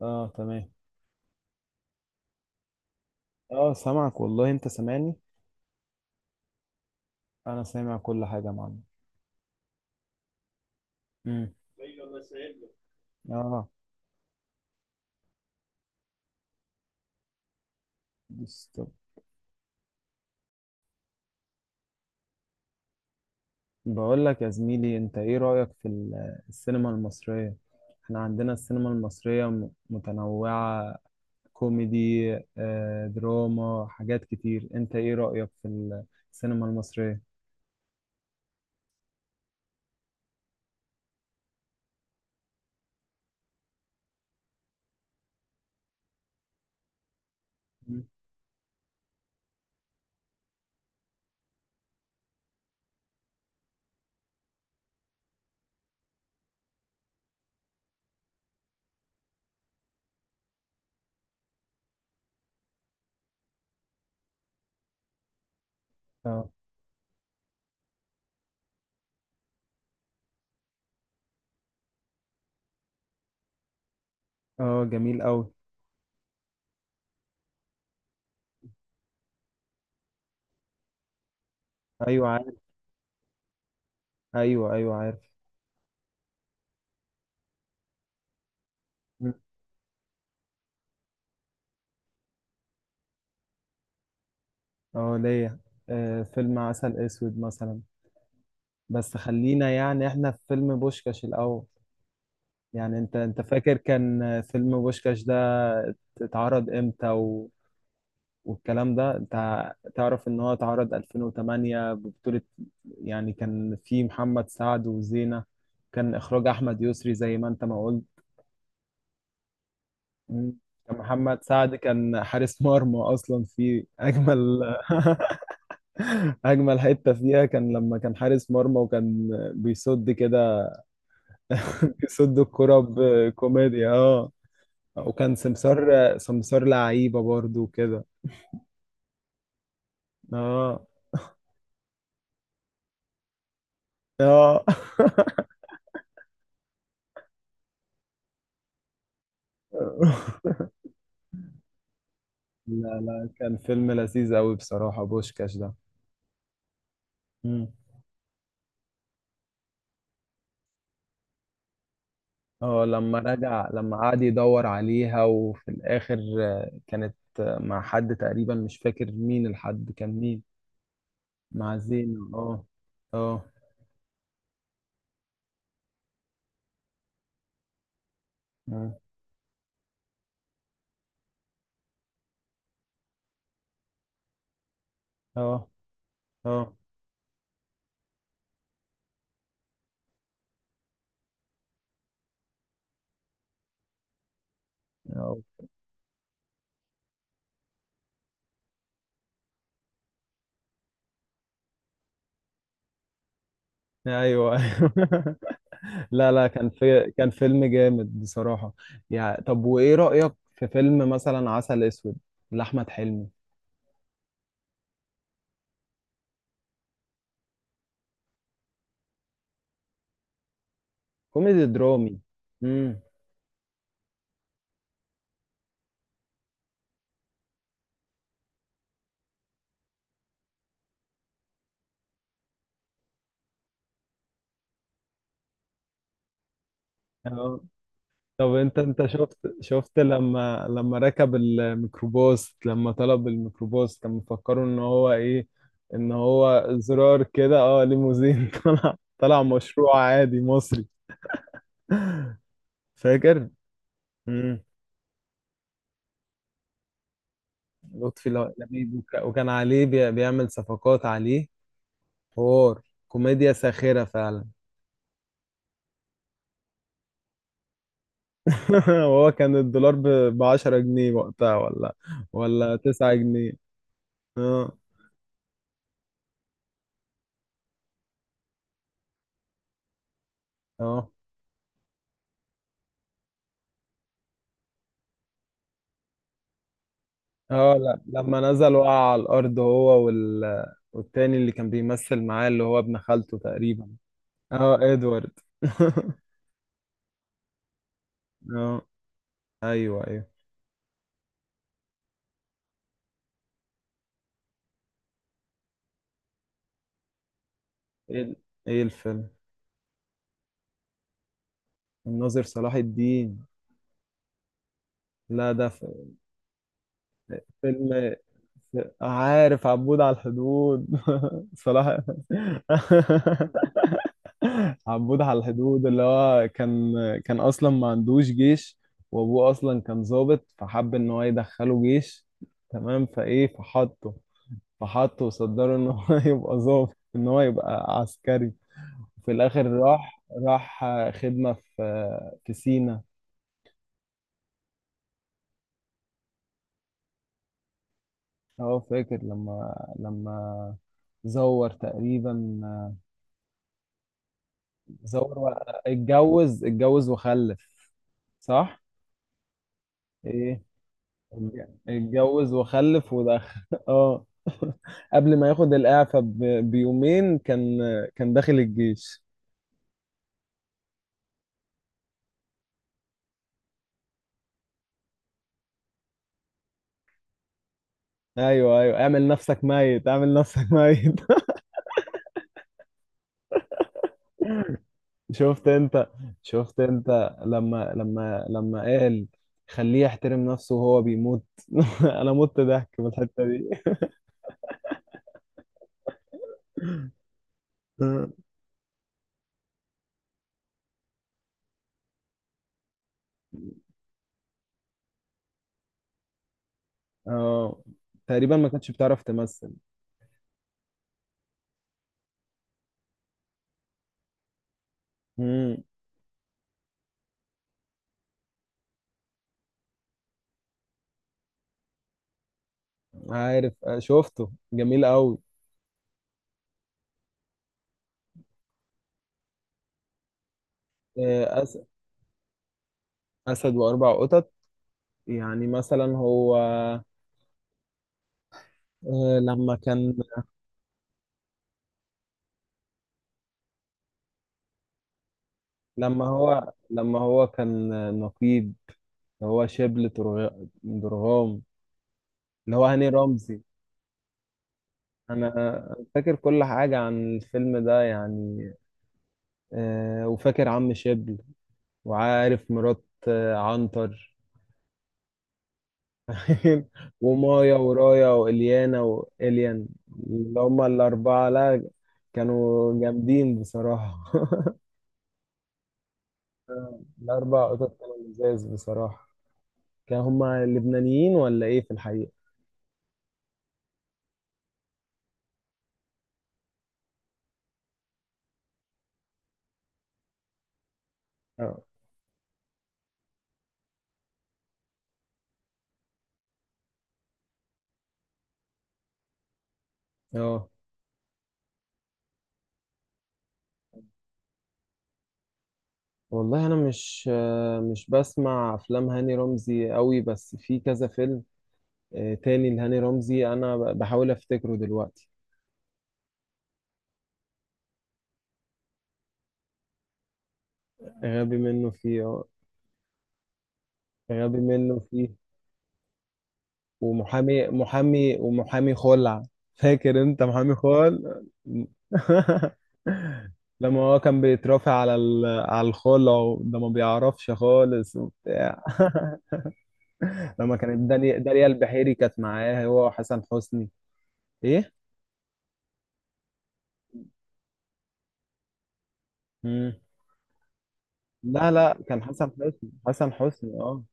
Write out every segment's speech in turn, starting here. اه، تمام. اه، سامعك والله، انت سامعني. انا سامع كل حاجه يا معلم. امم. اه. بس طب، بقول لك يا زميلي، انت ايه رايك في السينما المصريه؟ احنا عندنا السينما المصريه متنوعه. كوميدي، دراما، حاجات كتير. انت ايه رايك في السينما المصريه؟ مم. اه. اه، جميل قوي. ايوه، عارف. ايوه، ايوه، عارف. مم. اه، ليا. فيلم عسل اسود مثلا. بس خلينا يعني احنا في فيلم بوشكاش الاول. يعني انت فاكر كان فيلم بوشكاش ده اتعرض امتى و... والكلام ده، انت تعرف ان هو اتعرض 2008 ببطولة، يعني كان في محمد سعد وزينة. كان اخراج احمد يسري زي ما انت ما قلت. مم. كان محمد سعد كان حارس مرمى اصلا، في اجمل اجمل حتة فيها كان لما كان حارس مرمى، وكان بيصد كده. بيصد الكرة بكوميديا، اه. وكان سمسار سمسار لعيبة برضو كده. اه. اه. لا لا، كان فيلم لذيذ قوي بصراحة، بوشكاش ده. مم. اه، لما رجع، لما قعد يدور عليها، وفي الآخر كانت مع حد تقريبا، مش فاكر مين الحد كان مين. مع زينة، اه. اه. اه. اه. اه. آه. ايوه. لا لا، كان فيلم جامد بصراحة. يعني طب، وإيه رأيك في فيلم مثلا عسل أسود لأحمد حلمي؟ كوميدي درامي. امم. اه. طب انت شفت لما ركب الميكروباص، لما طلب الميكروباص كان مفكره ان هو ايه؟ ان هو زرار كده، ليموزين. طلع مشروع عادي مصري. فاكر. امم. لطفي لبيب. وكان عليه بيعمل صفقات عليه. حوار، كوميديا ساخرة فعلا. وهو كان الدولار ب 10 جنيه وقتها، ولا... ولا 9 جنيه؟ اه. اه. اه. لا، لما نزل وقع على الأرض، هو وال... والتاني اللي كان بيمثل معاه، اللي هو ابن خالته تقريبا. اه، ادوارد. اه، ايوه، ايوه. ايه ال- ايه الفيلم؟ الناظر صلاح الدين. لا ده فيلم، عارف، عبود على الحدود. صلاح. عبود على الحدود اللي هو كان اصلا ما عندوش جيش، وابوه اصلا كان ضابط، فحب ان هو يدخله جيش. تمام، فايه فحطه وصدره ان هو يبقى ضابط، ان هو يبقى عسكري. في الاخر راح خدمة في سينا. هو فاكر لما زور تقريبا. زور و- اتجوز وخلف. صح؟ ايه. اتجوز وخلف ودخل. اه. قبل ما ياخد الإعفاء بيومين، كان داخل الجيش. ايوه، ايوه، اعمل نفسك ميت، اعمل نفسك ميت. شفت انت شفت انت لما لما قال، خليه يحترم نفسه وهو بيموت. انا مت ضحك من الحتة دي. اه تقريبا ما كانتش بتعرف تمثل. امم. عارف. شفته جميل قوي. آه، أس- اسد واربع قطط. يعني مثلا هو لما كان لما هو كان نقيب. هو شبل درغام، اللي هو هاني رمزي. انا فاكر كل حاجة عن الفيلم ده، يعني. وفاكر عم شبل، وعارف مرات عنتر. ومايا ورايا وإليانا وإليان، اللي هما الأربعة. لا، كانوا جامدين بصراحة. الأربع قطط كانوا لزاز بصراحة. كانوا هما لبنانيين ولا ايه في الحقيقة؟ اه. اه. والله انا مش بسمع افلام هاني رمزي قوي، بس في كذا فيلم. تاني لهاني رمزي، انا بحاول افتكره دلوقتي. غبي منه فيه. غبي منه فيه. ومحامي خلع. فاكر انت محامي خلع. لما هو كان بيترافع على الخلع، وده ما بيعرفش خالص وبتاع. لما كانت داليا البحيري كانت معاه هو حسن حسني. ايه. مم. لا لا، كان حسن حسني، حسن حسني، اه.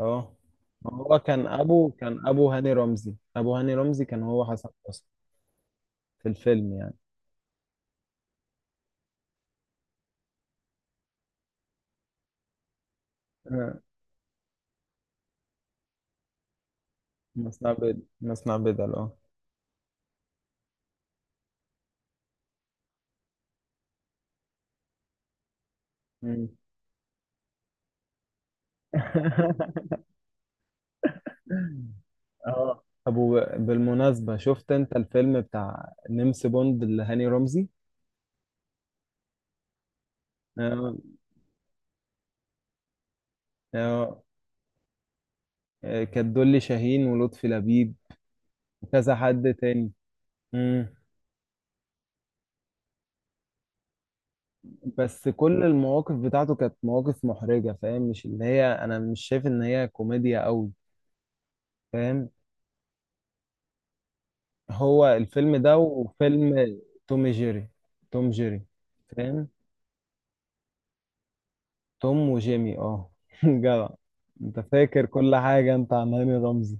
اه. ما هو كان ابو كان ابو هاني رمزي ابو هاني رمزي كان هو حسن حسني، في الفيلم، يعني. آه، مصنع بدل، مصنع بدل، اه. مم. اه ابو، بالمناسبة، شفت انت الفيلم بتاع نمس بوند اللي هاني رمزي؟ اه. اه. كانت دولي شاهين ولطفي لبيب وكذا حد تاني. مم. بس كل المواقف بتاعته كانت مواقف محرجة، فاهم؟ مش اللي هي، انا مش شايف ان هي كوميديا قوي، فاهم؟ هو الفيلم ده وفيلم توم جيري، توم جيري، فاهم؟ توم وجيمي، اه. جدع، انت فاكر كل حاجة انت عن هاني رمزي.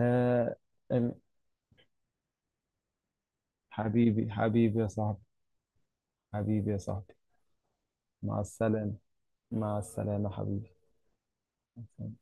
آه ال- حبيبي، حبيبي يا صاحبي. حبيبي يا صاحبي. مع السلامة. مع السلامة. حبيبي